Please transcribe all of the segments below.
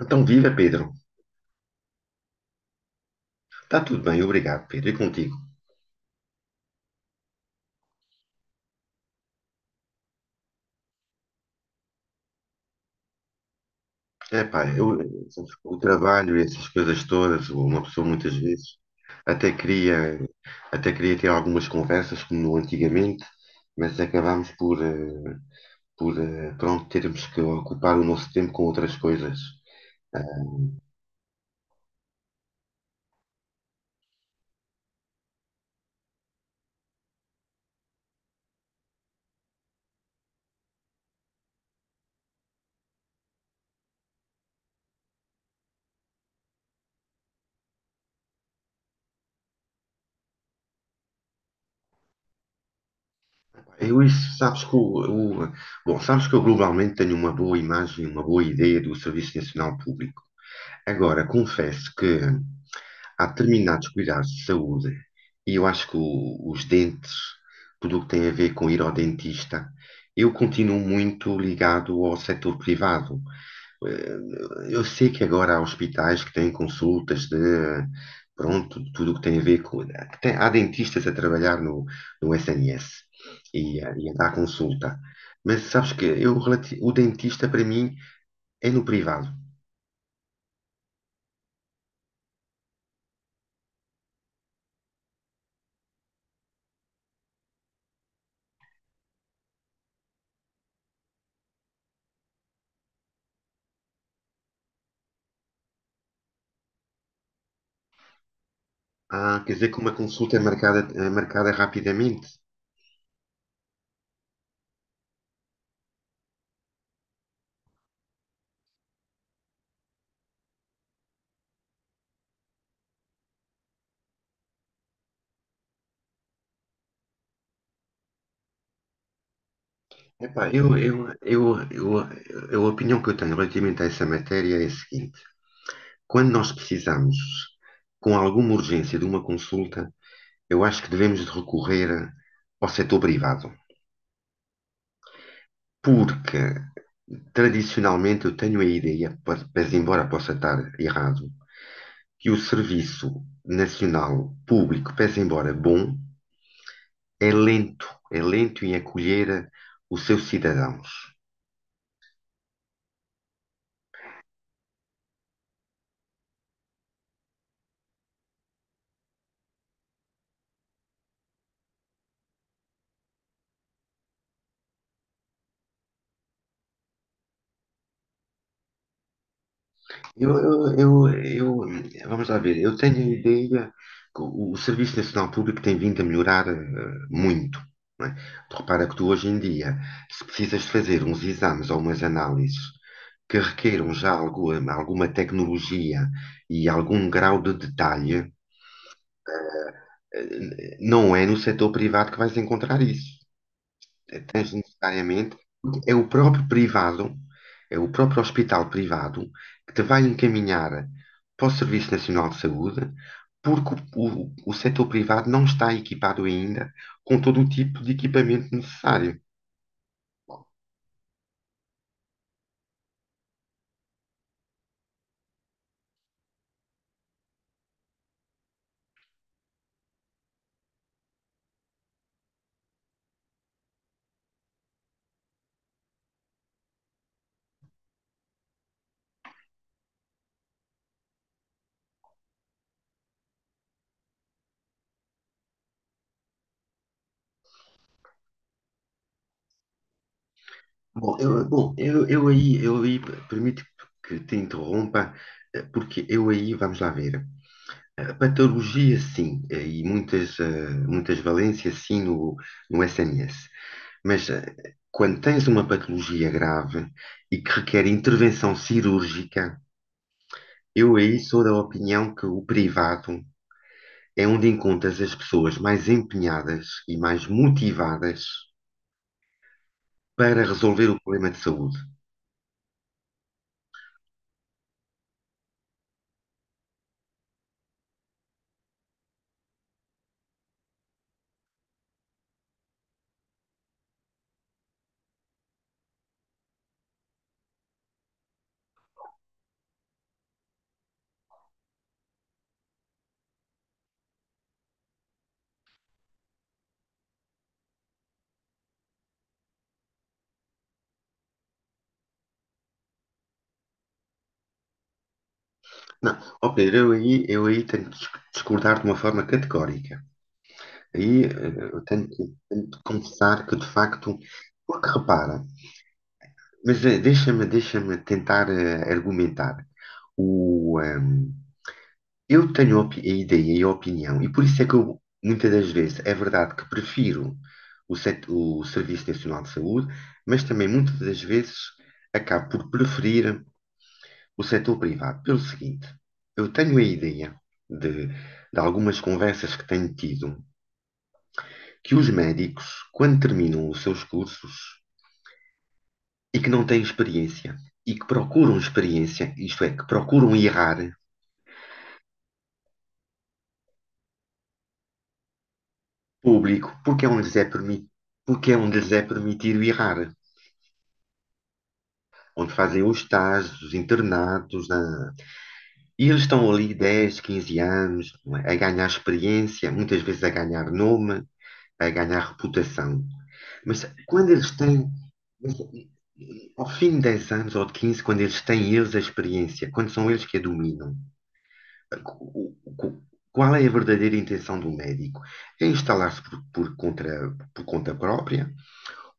Então, viva Pedro. Está tudo bem, obrigado, Pedro. E contigo? É pá, eu, o trabalho, e essas coisas todas, uma pessoa muitas vezes até queria, até queria ter algumas conversas como no antigamente, mas acabámos por, por pronto, termos que ocupar o nosso tempo com outras coisas. Eu isso, sabes que o- bom, sabes que eu globalmente tenho uma boa imagem, uma boa ideia do Serviço Nacional Público. Agora, confesso que há determinados cuidados de saúde e eu acho que os dentes, tudo o que tem a ver com ir ao dentista, eu continuo muito ligado ao setor privado. Eh, Eu sei que agora há hospitais que têm consultas de, pronto, de tudo o que tem a ver com. Há dentistas a trabalhar no SNS e, e a dar consulta. Mas sabes que eu, o dentista para mim é no privado. Ah, quer dizer que uma consulta é marcada rapidamente. Epá, eu, a opinião que eu tenho relativamente a essa matéria é a seguinte: quando nós precisamos, com alguma urgência, de uma consulta, eu acho que devemos de recorrer ao setor privado, porque tradicionalmente eu tenho a ideia, pese embora possa estar errado, que o serviço nacional público, pese embora bom, é lento, é lento em acolher o seu cidadão. Eu, eu, eu, eu- Vamos lá ver, eu tenho a ideia que o Serviço Nacional Público tem vindo a melhorar muito. Não é? Tu repara que tu hoje em dia, se precisas de fazer uns exames ou umas análises que requeram já algo, alguma tecnologia e algum grau de detalhe, eh, não é no setor privado que vais encontrar isso. Tens necessariamente, é o próprio privado, é o próprio hospital privado que te vai encaminhar para o Serviço Nacional de Saúde, porque o setor privado não está equipado ainda com todo o tipo de equipamento necessário. Bom, eu aí, permite que te interrompa, porque eu aí, vamos lá ver, a patologia sim, e muitas, muitas valências sim no SNS, mas quando tens uma patologia grave e que requer intervenção cirúrgica, eu aí sou da opinião que o privado é onde encontras as pessoas mais empenhadas e mais motivadas para resolver o problema de saúde. Não, ó Pedro, eu aí tenho que discordar de uma forma categórica. Aí eu tenho que confessar que, de facto, porque repara, mas deixa-me tentar argumentar. O, ehm, Eu tenho a ideia e a opinião, e por isso é que eu, muitas das vezes, é verdade que prefiro o Serviço Nacional de Saúde, mas também muitas das vezes acabo por preferir o setor privado. Pelo seguinte, eu tenho a ideia de algumas conversas que tenho tido, que os médicos, quando terminam os seus cursos e que não têm experiência, e que procuram experiência, isto é, que procuram errar público, porque é onde lhes é permitido, porque é onde lhes é permitido errar. Onde fazem os estágios, os internatos. E eles estão ali 10, 15 anos, não é? A ganhar experiência, muitas vezes a ganhar nome, a ganhar reputação. Mas quando eles têm, ao fim de 10 anos ou de 15, quando eles têm eles a experiência, quando são eles que a dominam, qual é a verdadeira intenção do médico? É instalar-se por conta própria?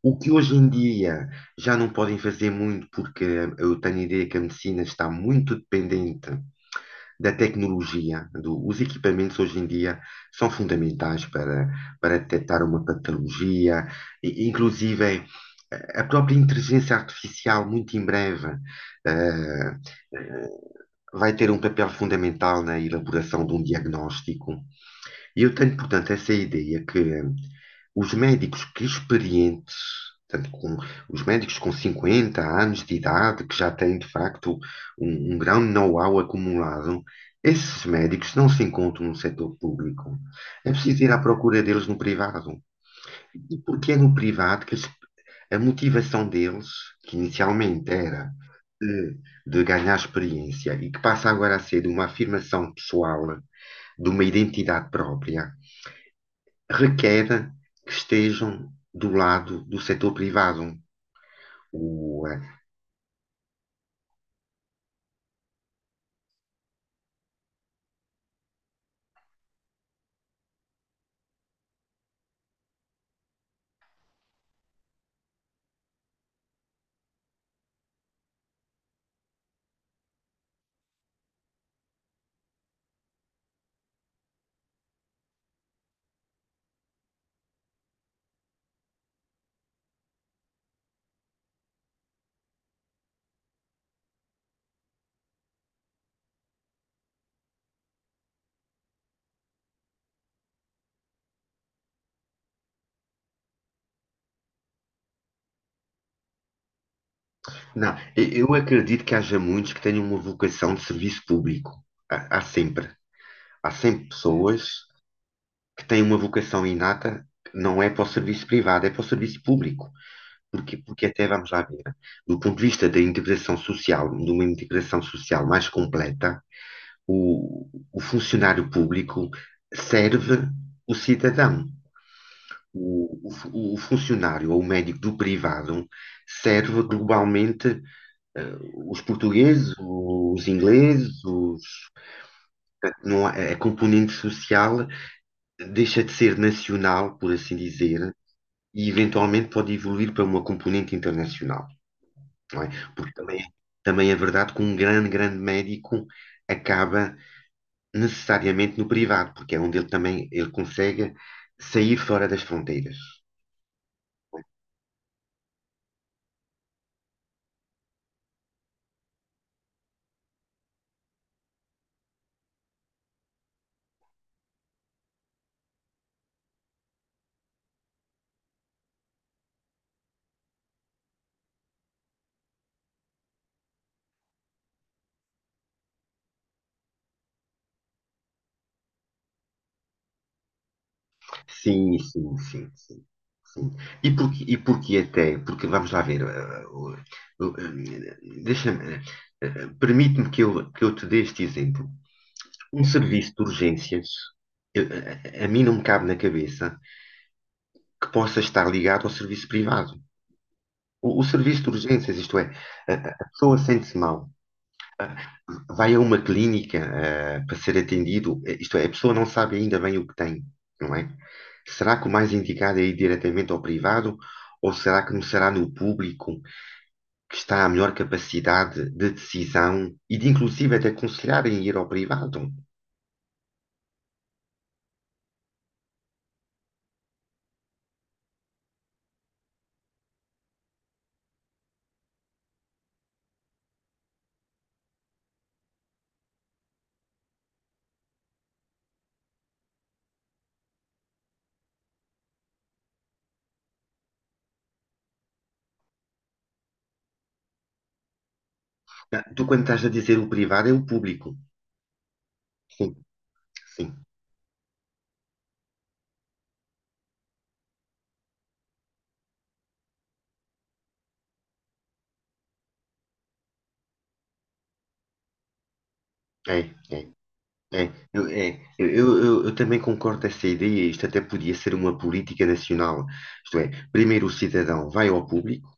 O que hoje em dia já não podem fazer muito, porque eu tenho a ideia que a medicina está muito dependente da tecnologia. Os equipamentos hoje em dia são fundamentais para, para detectar uma patologia, e inclusive a própria inteligência artificial, muito em breve, eh, vai ter um papel fundamental na elaboração de um diagnóstico. E eu tenho, portanto, essa ideia que os médicos que experientes, portanto, com, os médicos com 50 anos de idade, que já têm de facto um grande know-how acumulado, esses médicos não se encontram no setor público. É preciso ir à procura deles no privado. E porque é no privado que eles, a motivação deles, que inicialmente era de, de ganhar experiência e que passa agora a ser uma afirmação pessoal de uma identidade própria, requer que estejam do lado do setor privado. O, eh, não, eu acredito que haja muitos que tenham uma vocação de serviço público. Há, há sempre. Há sempre pessoas que têm uma vocação inata que não é para o serviço privado, é para o serviço público. Porque, até vamos lá ver, do ponto de vista da integração social, de uma integração social mais completa, o funcionário público serve o cidadão. O o funcionário ou o médico do privado serve globalmente eh, os portugueses, os ingleses, os, não há- a componente social deixa de ser nacional, por assim dizer, e eventualmente pode evoluir para uma componente internacional, não é? Porque também, também é verdade que um grande, grande médico acaba necessariamente no privado, porque é onde ele também ele consegue sair fora das fronteiras. Sim, sim, sim, sim. Sim. E porquê até? Porque vamos lá ver, o- eh, deixa-me, permite-me que eu te dê este exemplo. Um serviço de urgências, a, a mim não me cabe na cabeça que possa estar ligado ao serviço privado. O serviço de urgências, isto é, a, a pessoa sente-se mal, eh, vai a uma clínica, para ser atendido, isto é, a pessoa não sabe ainda bem o que tem, não é? Será que o mais indicado é ir diretamente ao privado? Ou será que começará no público? Que está à melhor capacidade de decisão e de inclusive até aconselharem ir ao privado. Ah, tu quando estás a dizer o privado é o público. Sim, sim, é, é. É, eu também concordo com essa ideia. Isto até podia ser uma política nacional. Isto é, primeiro o cidadão vai ao público,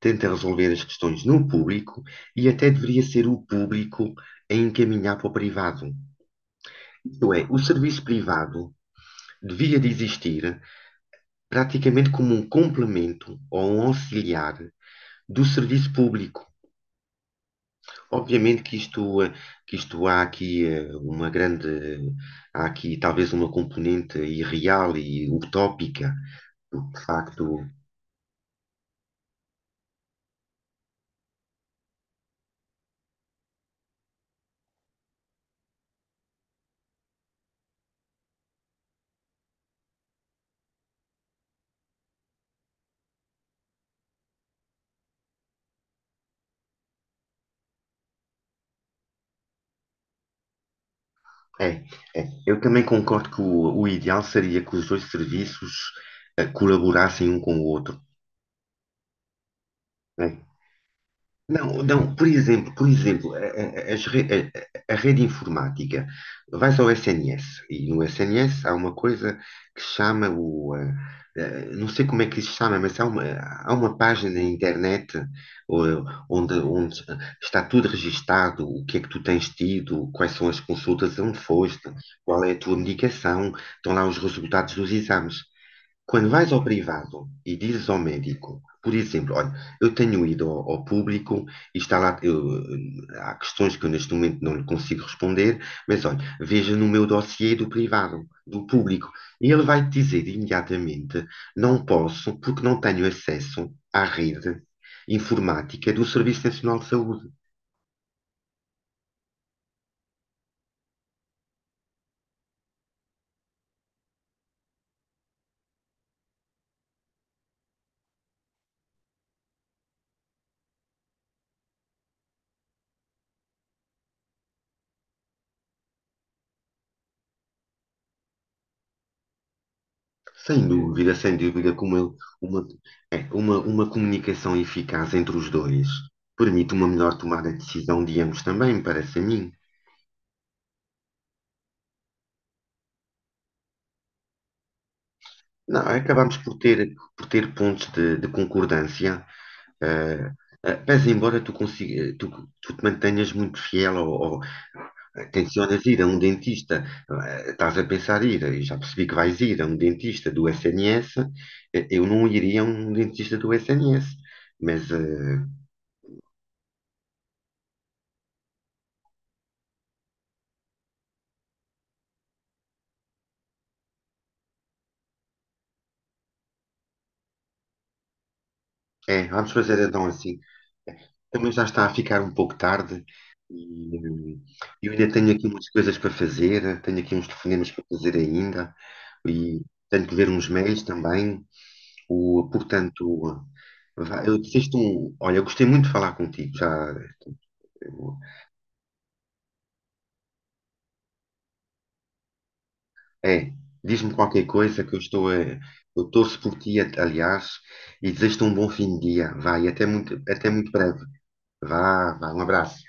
tenta resolver as questões no público e até deveria ser o público a encaminhar para o privado. Isto é, o serviço privado devia de existir praticamente como um complemento ou um auxiliar do serviço público. Obviamente que isto, que isto há aqui uma grande, há aqui talvez uma componente irreal e utópica, de facto é, é. Eu também concordo que o ideal seria que os dois serviços colaborassem um com o outro. Né? Não, não, por exemplo, a, a a rede informática, vais ao SNS e no SNS há uma coisa que se chama o, não sei como é que se chama, mas há há uma página na internet onde, onde está tudo registado, o que é que tu tens tido, quais são as consultas onde foste, qual é a tua medicação, estão lá os resultados dos exames. Quando vais ao privado e dizes ao médico, por exemplo, olha, eu tenho ido ao, ao público e está lá, há questões que eu neste momento não lhe consigo responder, mas olha, veja no meu dossiê do privado, do público, e ele vai te dizer imediatamente, não posso porque não tenho acesso à rede informática do Serviço Nacional de Saúde. Sem dúvida, sem dúvida, como ele- uma, é, uma comunicação eficaz entre os dois permite uma melhor tomada de decisão de ambos também, parece a mim. Não, acabamos por ter pontos de concordância, eh, pese embora tu tu te mantenhas muito fiel ou tencionas ir a um dentista, estás a pensar ir, e já percebi que vais ir a um dentista do SNS, eu não iria a um dentista do SNS, mas é, vamos fazer então assim. Também já está a ficar um pouco tarde e eu ainda tenho aqui umas coisas para fazer, tenho aqui uns telefonemas para fazer ainda e tenho que ver uns mails também. O, portanto, eu desisto um. Olha, eu gostei muito de falar contigo. Já, é, diz-me qualquer coisa que eu estou a, eu torço por ti, aliás, e desejo-te um bom fim de dia. Vai, até muito breve. Vá, vá, um abraço.